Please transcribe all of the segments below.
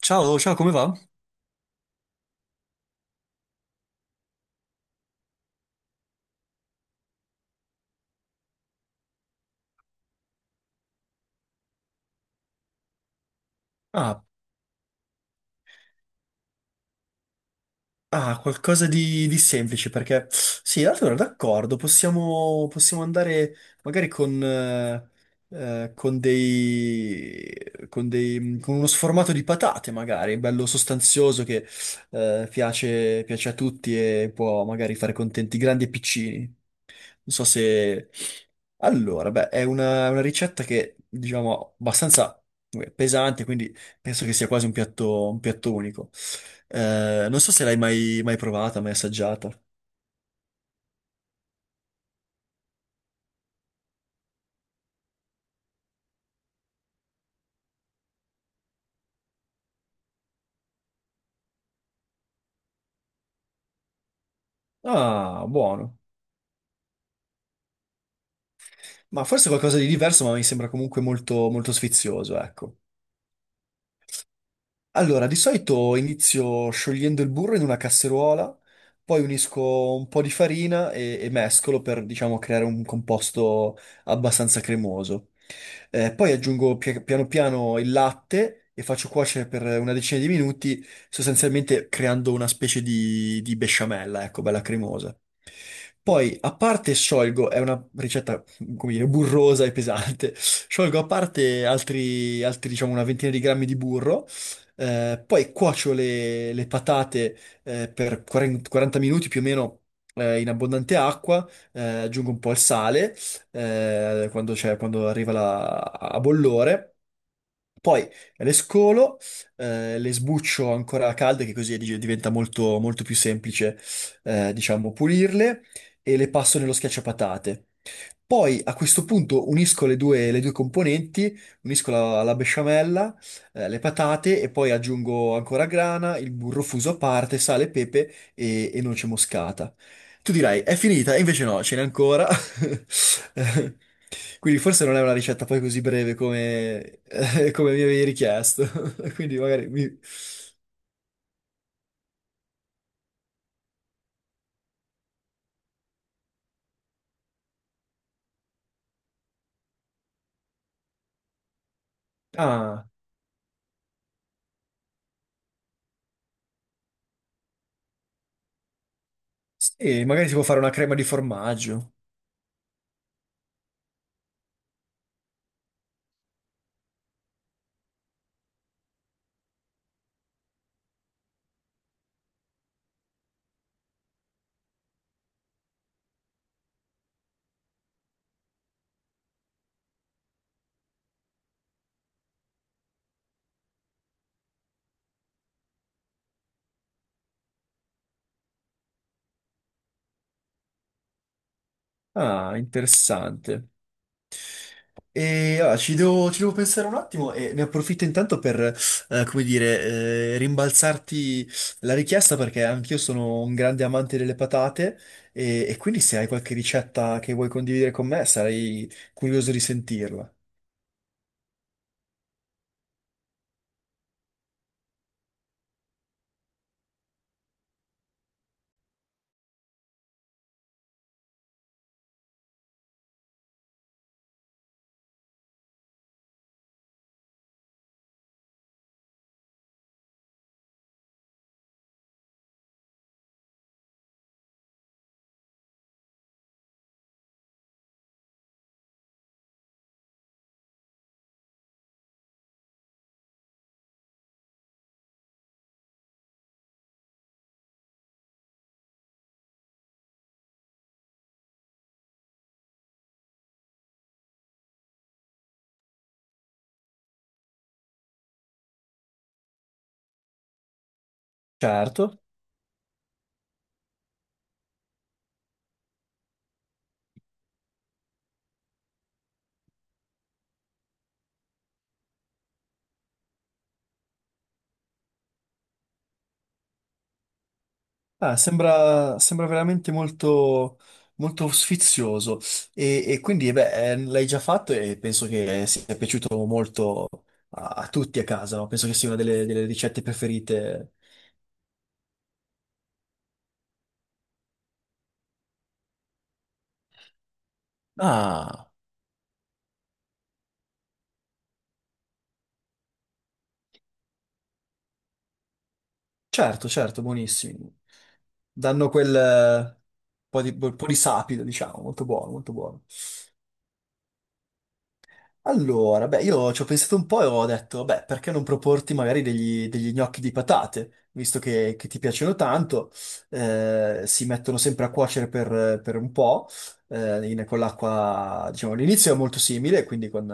Ciao, ciao, come va? Ah, qualcosa di semplice perché sì, allora d'accordo, possiamo andare magari con con uno sformato di patate, magari, bello sostanzioso che piace, piace a tutti e può magari fare contenti grandi e piccini. Non so se... Allora, beh, è una ricetta che, diciamo, abbastanza pesante, quindi penso che sia quasi un piatto unico. Non so se l'hai mai, mai provata, mai assaggiata. Ah, buono. Ma forse qualcosa di diverso, ma mi sembra comunque molto, molto sfizioso, ecco. Allora, di solito inizio sciogliendo il burro in una casseruola, poi unisco un po' di farina e mescolo per, diciamo, creare un composto abbastanza cremoso. Poi aggiungo piano piano il latte e faccio cuocere per una decina di minuti, sostanzialmente creando una specie di besciamella, ecco, bella cremosa. Poi, a parte sciolgo, è una ricetta, come dire, burrosa e pesante. Sciolgo a parte altri, altri, diciamo, una ventina di grammi di burro, poi cuocio le patate, per 40 minuti più o meno, in abbondante acqua, aggiungo un po' il sale, quando quando arriva a bollore. Poi le scolo, le sbuccio ancora calde, che così diventa molto, molto più semplice, diciamo, pulirle e le passo nello schiacciapatate. Poi a questo punto unisco le due componenti, unisco la, la besciamella, le patate e poi aggiungo ancora grana, il burro fuso a parte, sale, pepe e noce moscata. Tu dirai, è finita? E invece no, ce n'è ancora. Eh, Quindi forse non è una ricetta poi così breve come, come mi avevi richiesto. Quindi magari mi... Ah, sì, magari si può fare una crema di formaggio. Ah, interessante. E allora, ci devo pensare un attimo e ne approfitto intanto per, come dire, rimbalzarti la richiesta perché anch'io sono un grande amante delle patate e quindi se hai qualche ricetta che vuoi condividere con me sarei curioso di sentirla. Certo. Ah, sembra, sembra veramente molto, molto sfizioso e quindi l'hai già fatto e penso che sia piaciuto molto a, a tutti a casa, no? Penso che sia una delle delle ricette preferite. Ah, certo, certo, buonissimi. Danno quel po' di sapido, diciamo, molto buono, molto buono. Allora, beh, io ci ho pensato un po' e ho detto, beh, perché non proporti magari degli, degli gnocchi di patate, visto che ti piacciono tanto, si mettono sempre a cuocere per un po', con l'acqua, diciamo, all'inizio è molto simile, quindi con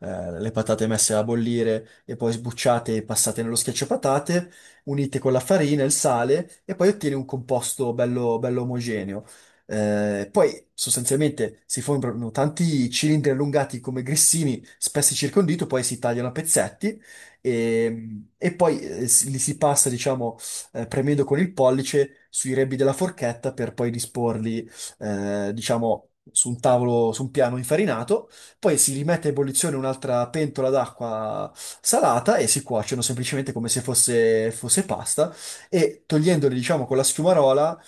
le patate messe a bollire e poi sbucciate e passate nello schiacciapatate, unite con la farina e il sale, e poi ottieni un composto bello, bello omogeneo. Poi sostanzialmente si formano tanti cilindri allungati come grissini, spessi circa un dito, poi si tagliano a pezzetti e, e poi li si passa, diciamo, premendo con il pollice sui rebbi della forchetta per poi disporli, diciamo, su un tavolo, su un piano infarinato. Poi si rimette a ebollizione un'altra pentola d'acqua salata e si cuociono semplicemente come se fosse, fosse pasta e togliendoli, diciamo, con la schiumarola,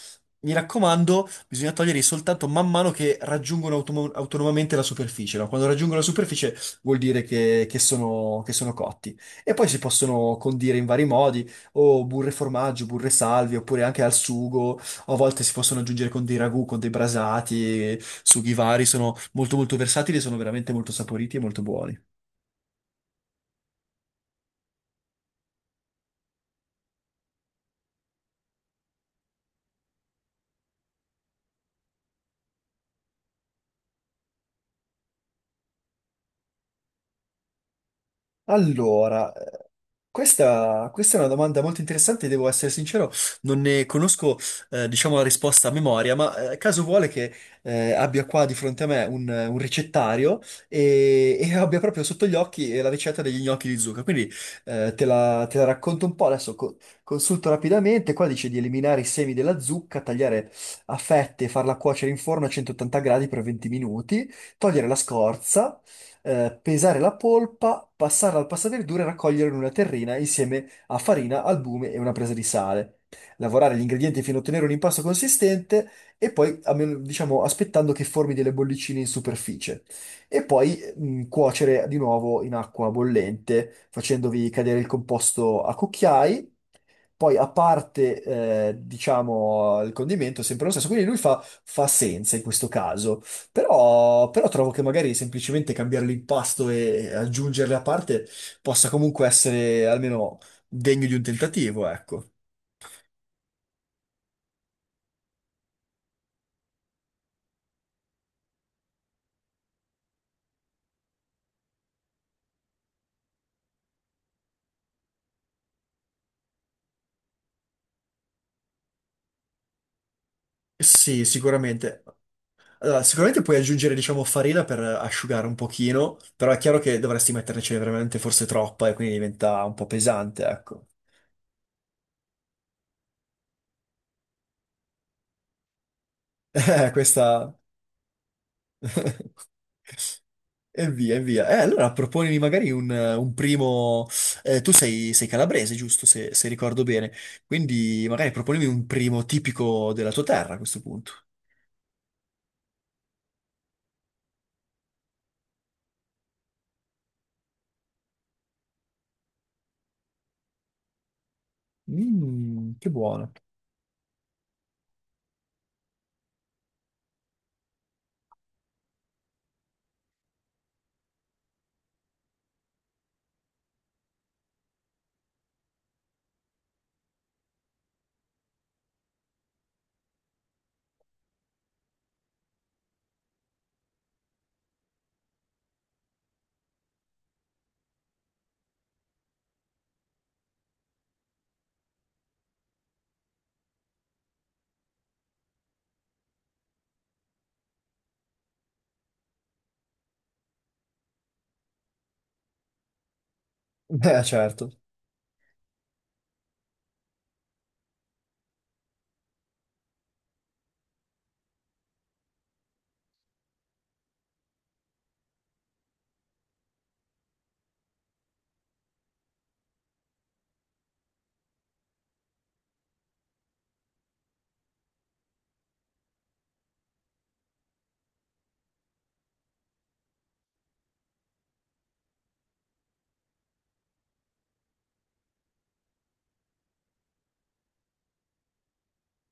mi raccomando, bisogna toglierli soltanto man mano che raggiungono autonomamente la superficie, no? Quando raggiungono la superficie vuol dire che sono cotti. E poi si possono condire in vari modi, o burre e formaggio, burre e salvie, oppure anche al sugo, o a volte si possono aggiungere con dei ragù, con dei brasati, sughi vari, sono molto molto versatili, e sono veramente molto saporiti e molto buoni. Allora, questa, questa è una domanda molto interessante, devo essere sincero, non ne conosco, diciamo, la risposta a memoria, ma caso vuole che abbia qua di fronte a me un ricettario e abbia proprio sotto gli occhi la ricetta degli gnocchi di zucca. Quindi te la racconto un po', adesso consulto rapidamente, qua dice di eliminare i semi della zucca, tagliare a fette e farla cuocere in forno a 180 gradi per 20 minuti, togliere la scorza, pesare la polpa, passarla al passaverdure e raccogliere in una terrina insieme a farina, albume e una presa di sale. Lavorare gli ingredienti fino a ottenere un impasto consistente e poi, diciamo, aspettando che formi delle bollicine in superficie. E poi cuocere di nuovo in acqua bollente, facendovi cadere il composto a cucchiai, poi, a parte, diciamo, il condimento, è sempre lo stesso. Quindi lui fa, fa senza in questo caso. Però trovo che magari semplicemente cambiare l'impasto e aggiungerle a parte possa comunque essere almeno degno di un tentativo, ecco. Sì, sicuramente. Allora, sicuramente puoi aggiungere, diciamo, farina per asciugare un pochino, però è chiaro che dovresti metternecene veramente forse troppa e quindi diventa un po' pesante, ecco. Questa... E via, e via. Allora proponimi magari un primo... tu sei, sei calabrese, giusto, se, se ricordo bene. Quindi magari proponimi un primo tipico della tua terra a questo punto. Mm, che buono. Certo.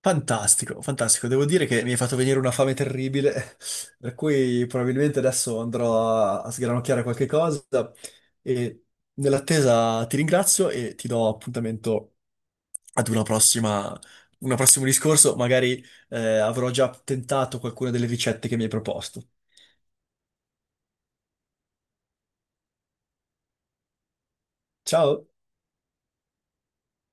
Fantastico, fantastico. Devo dire che mi hai fatto venire una fame terribile, per cui probabilmente adesso andrò a, a sgranocchiare qualche cosa e nell'attesa ti ringrazio e ti do appuntamento ad una prossima, un prossimo discorso. Magari avrò già tentato qualcuna delle ricette che mi hai proposto. Ciao!